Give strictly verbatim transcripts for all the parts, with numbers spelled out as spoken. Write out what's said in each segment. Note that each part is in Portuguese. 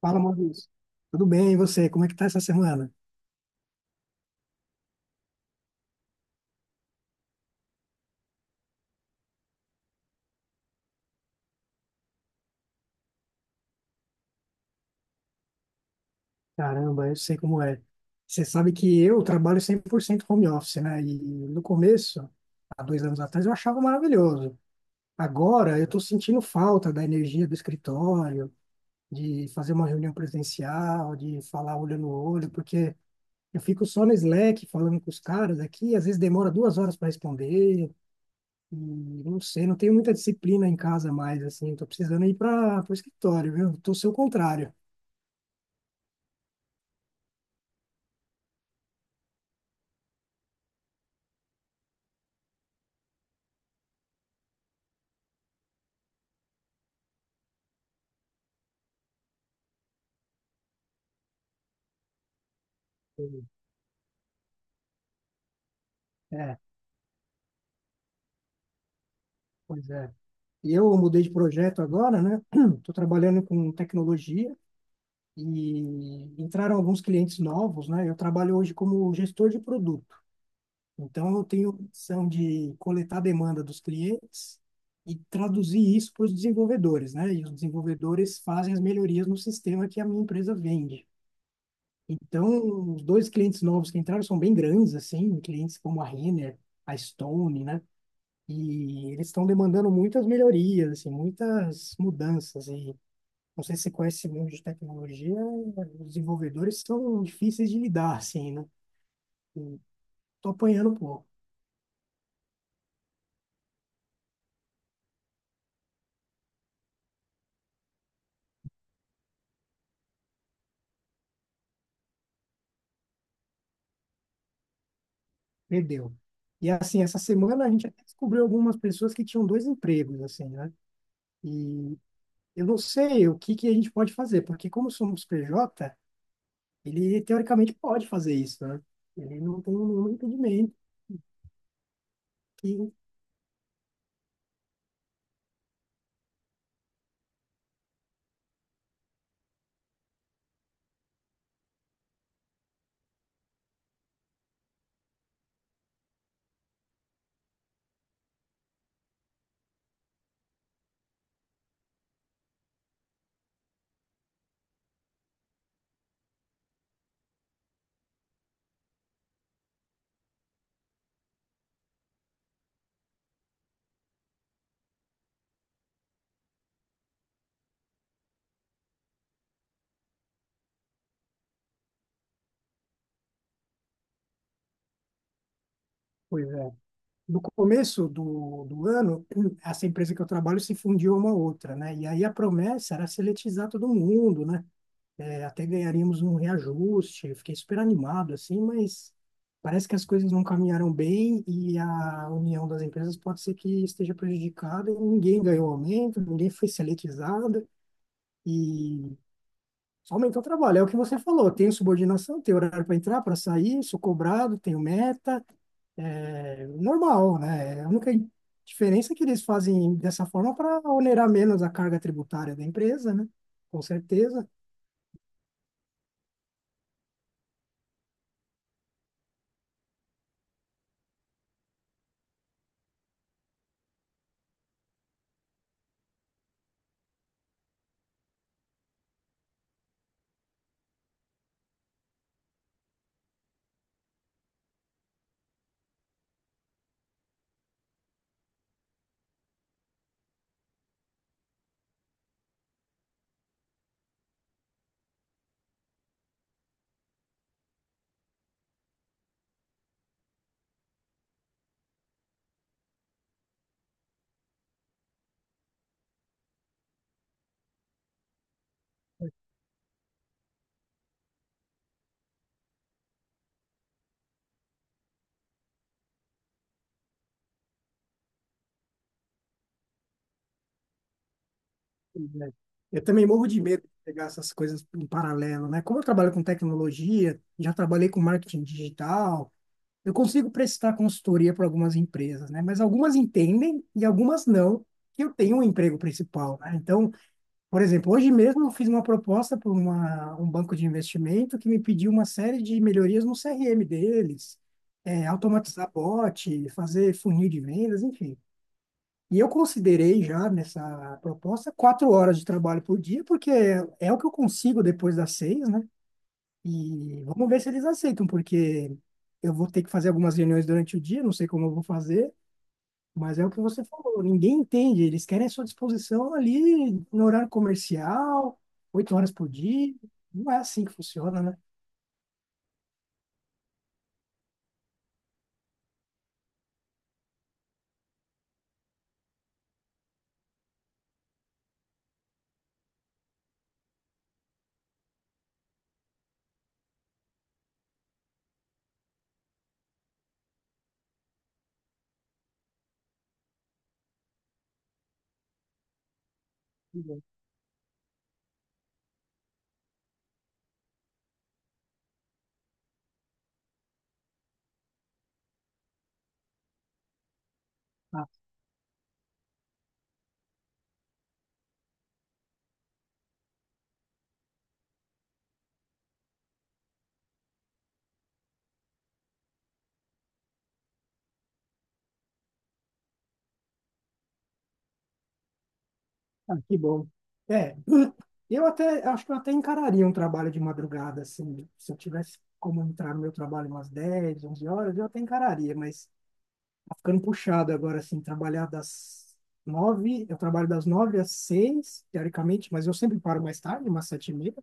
Fala, Maurício. Tudo bem, e você? Como é que tá essa semana? Caramba, eu sei como é. Você sabe que eu trabalho cem por cento home office, né? E no começo, há dois anos atrás, eu achava maravilhoso. Agora, eu estou sentindo falta da energia do escritório, de fazer uma reunião presencial, de falar olho no olho, porque eu fico só no Slack falando com os caras aqui, às vezes demora duas horas para responder, e não sei, não tenho muita disciplina em casa mais, assim, estou precisando ir para o escritório, viu? Estou seu contrário. É, pois é. E Eu mudei de projeto agora, né? Estou trabalhando com tecnologia e entraram alguns clientes novos, né? Eu trabalho hoje como gestor de produto. Então, eu tenho a missão de coletar a demanda dos clientes e traduzir isso para os desenvolvedores, né? E os desenvolvedores fazem as melhorias no sistema que a minha empresa vende. Então, os dois clientes novos que entraram são bem grandes, assim, clientes como a Renner, a Stone, né? E eles estão demandando muitas melhorias, assim, muitas mudanças. E não sei se você conhece esse mundo de tecnologia, os desenvolvedores são difíceis de lidar, assim, né? Tô apanhando um pouco, perdeu. E assim, essa semana a gente até descobriu algumas pessoas que tinham dois empregos, assim, né? E eu não sei o que que a gente pode fazer, porque como somos P J, ele teoricamente pode fazer isso, né? Ele não tem nenhum impedimento. Que coisa. é No começo do, do ano, essa empresa que eu trabalho se fundiu a uma outra, né? E aí a promessa era seletizar todo mundo, né? É, até ganharíamos um reajuste. Eu fiquei super animado, assim, mas parece que as coisas não caminharam bem e a união das empresas pode ser que esteja prejudicada e ninguém ganhou aumento, ninguém foi seletizado. E só aumentar o trabalho. É o que você falou. Tenho subordinação, tenho horário para entrar, para sair, sou cobrado, tenho meta. É normal, né? A única diferença é que eles fazem dessa forma para onerar menos a carga tributária da empresa, né? Com certeza, né? Eu também morro de medo de pegar essas coisas em paralelo, né? Como eu trabalho com tecnologia, já trabalhei com marketing digital, eu consigo prestar consultoria para algumas empresas, né? Mas algumas entendem e algumas não, que eu tenho um emprego principal, né? Então, por exemplo, hoje mesmo eu fiz uma proposta para uma, um banco de investimento que me pediu uma série de melhorias no C R M deles, é, automatizar bot, fazer funil de vendas, enfim. E eu considerei já nessa proposta quatro horas de trabalho por dia, porque é, é o que eu consigo depois das seis, né? E vamos ver se eles aceitam, porque eu vou ter que fazer algumas reuniões durante o dia, não sei como eu vou fazer, mas é o que você falou, ninguém entende. Eles querem a sua disposição ali no horário comercial, oito horas por dia. Não é assim que funciona, né? Que bom. Ah, ah, que bom. É, eu até acho que eu até encararia um trabalho de madrugada, assim, se eu tivesse como entrar no meu trabalho umas dez onze horas, eu até encararia, mas tá ficando puxado agora, assim, trabalhar das nove, eu trabalho das nove às seis teoricamente, mas eu sempre paro mais tarde, umas sete e meia.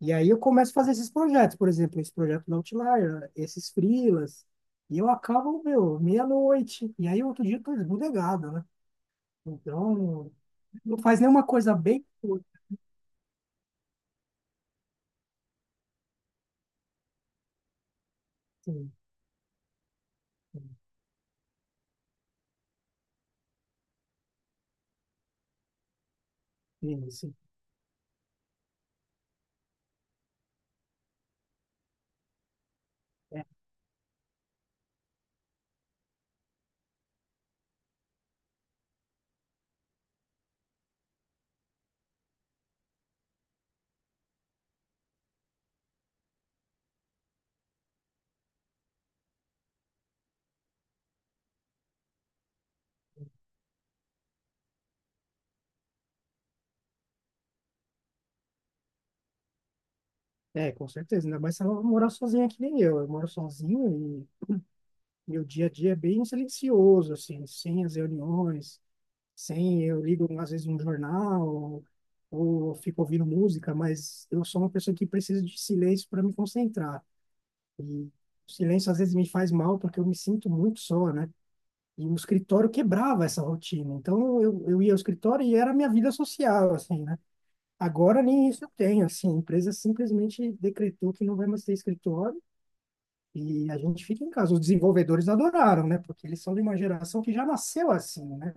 E aí eu começo a fazer esses projetos, por exemplo, esse projeto da Outlier, esses freelas, e eu acabo, meu, meia-noite, e aí outro dia eu tô esbudegado, né? Então, não faz nenhuma coisa bem curta, assim, assim, assim. É, é, com certeza, ainda mais se eu morar sozinha que nem eu, eu, moro sozinho e meu dia a dia é bem silencioso, assim, sem as reuniões, sem, eu ligo às vezes um jornal, ou ou eu fico ouvindo música, mas eu sou uma pessoa que precisa de silêncio para me concentrar. O silêncio às vezes me faz mal porque eu me sinto muito só, né? E o escritório quebrava essa rotina. Então eu, eu ia ao escritório e era a minha vida social, assim, né? Agora nem isso eu tenho, assim. A empresa simplesmente decretou que não vai mais ter escritório e a gente fica em casa. Os desenvolvedores adoraram, né? Porque eles são de uma geração que já nasceu assim, né?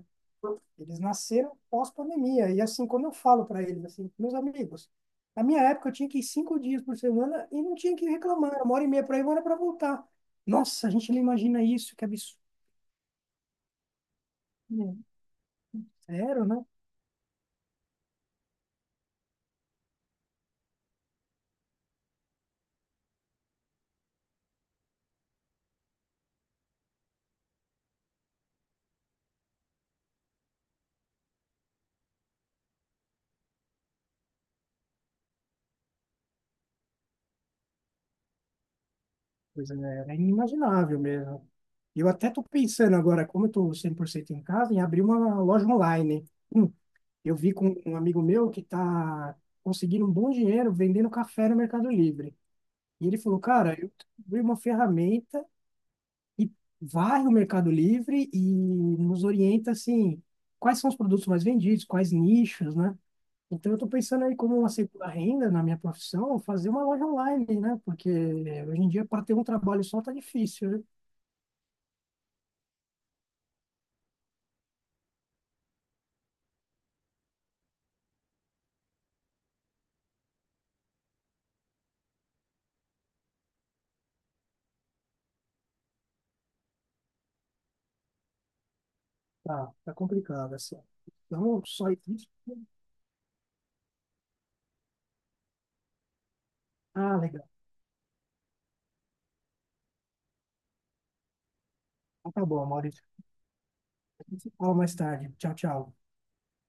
Eles nasceram pós-pandemia. E assim, quando eu falo para eles, assim, meus amigos, na minha época eu tinha que ir cinco dias por semana e não tinha que reclamar. Era uma hora e meia para ir, uma hora para voltar. Nossa, a gente não imagina isso, que absurdo. Sério, né? Pois é, era inimaginável mesmo. E eu até tô pensando agora, como eu tô cem por cento em casa, em abrir uma loja online. Hum, eu vi com um amigo meu que está conseguindo um bom dinheiro vendendo café no Mercado Livre. E ele falou, cara, eu abri uma ferramenta e varre o Mercado Livre e nos orienta assim, quais são os produtos mais vendidos, quais nichos, né? Então eu estou pensando aí como uma segunda renda na minha profissão, fazer uma loja online, né? Porque hoje em dia para ter um trabalho só tá difícil, né? Tá, tá complicado assim. Então só isso. Ah, legal. Então tá bom, Maurício. A gente se fala mais tarde. Tchau, tchau.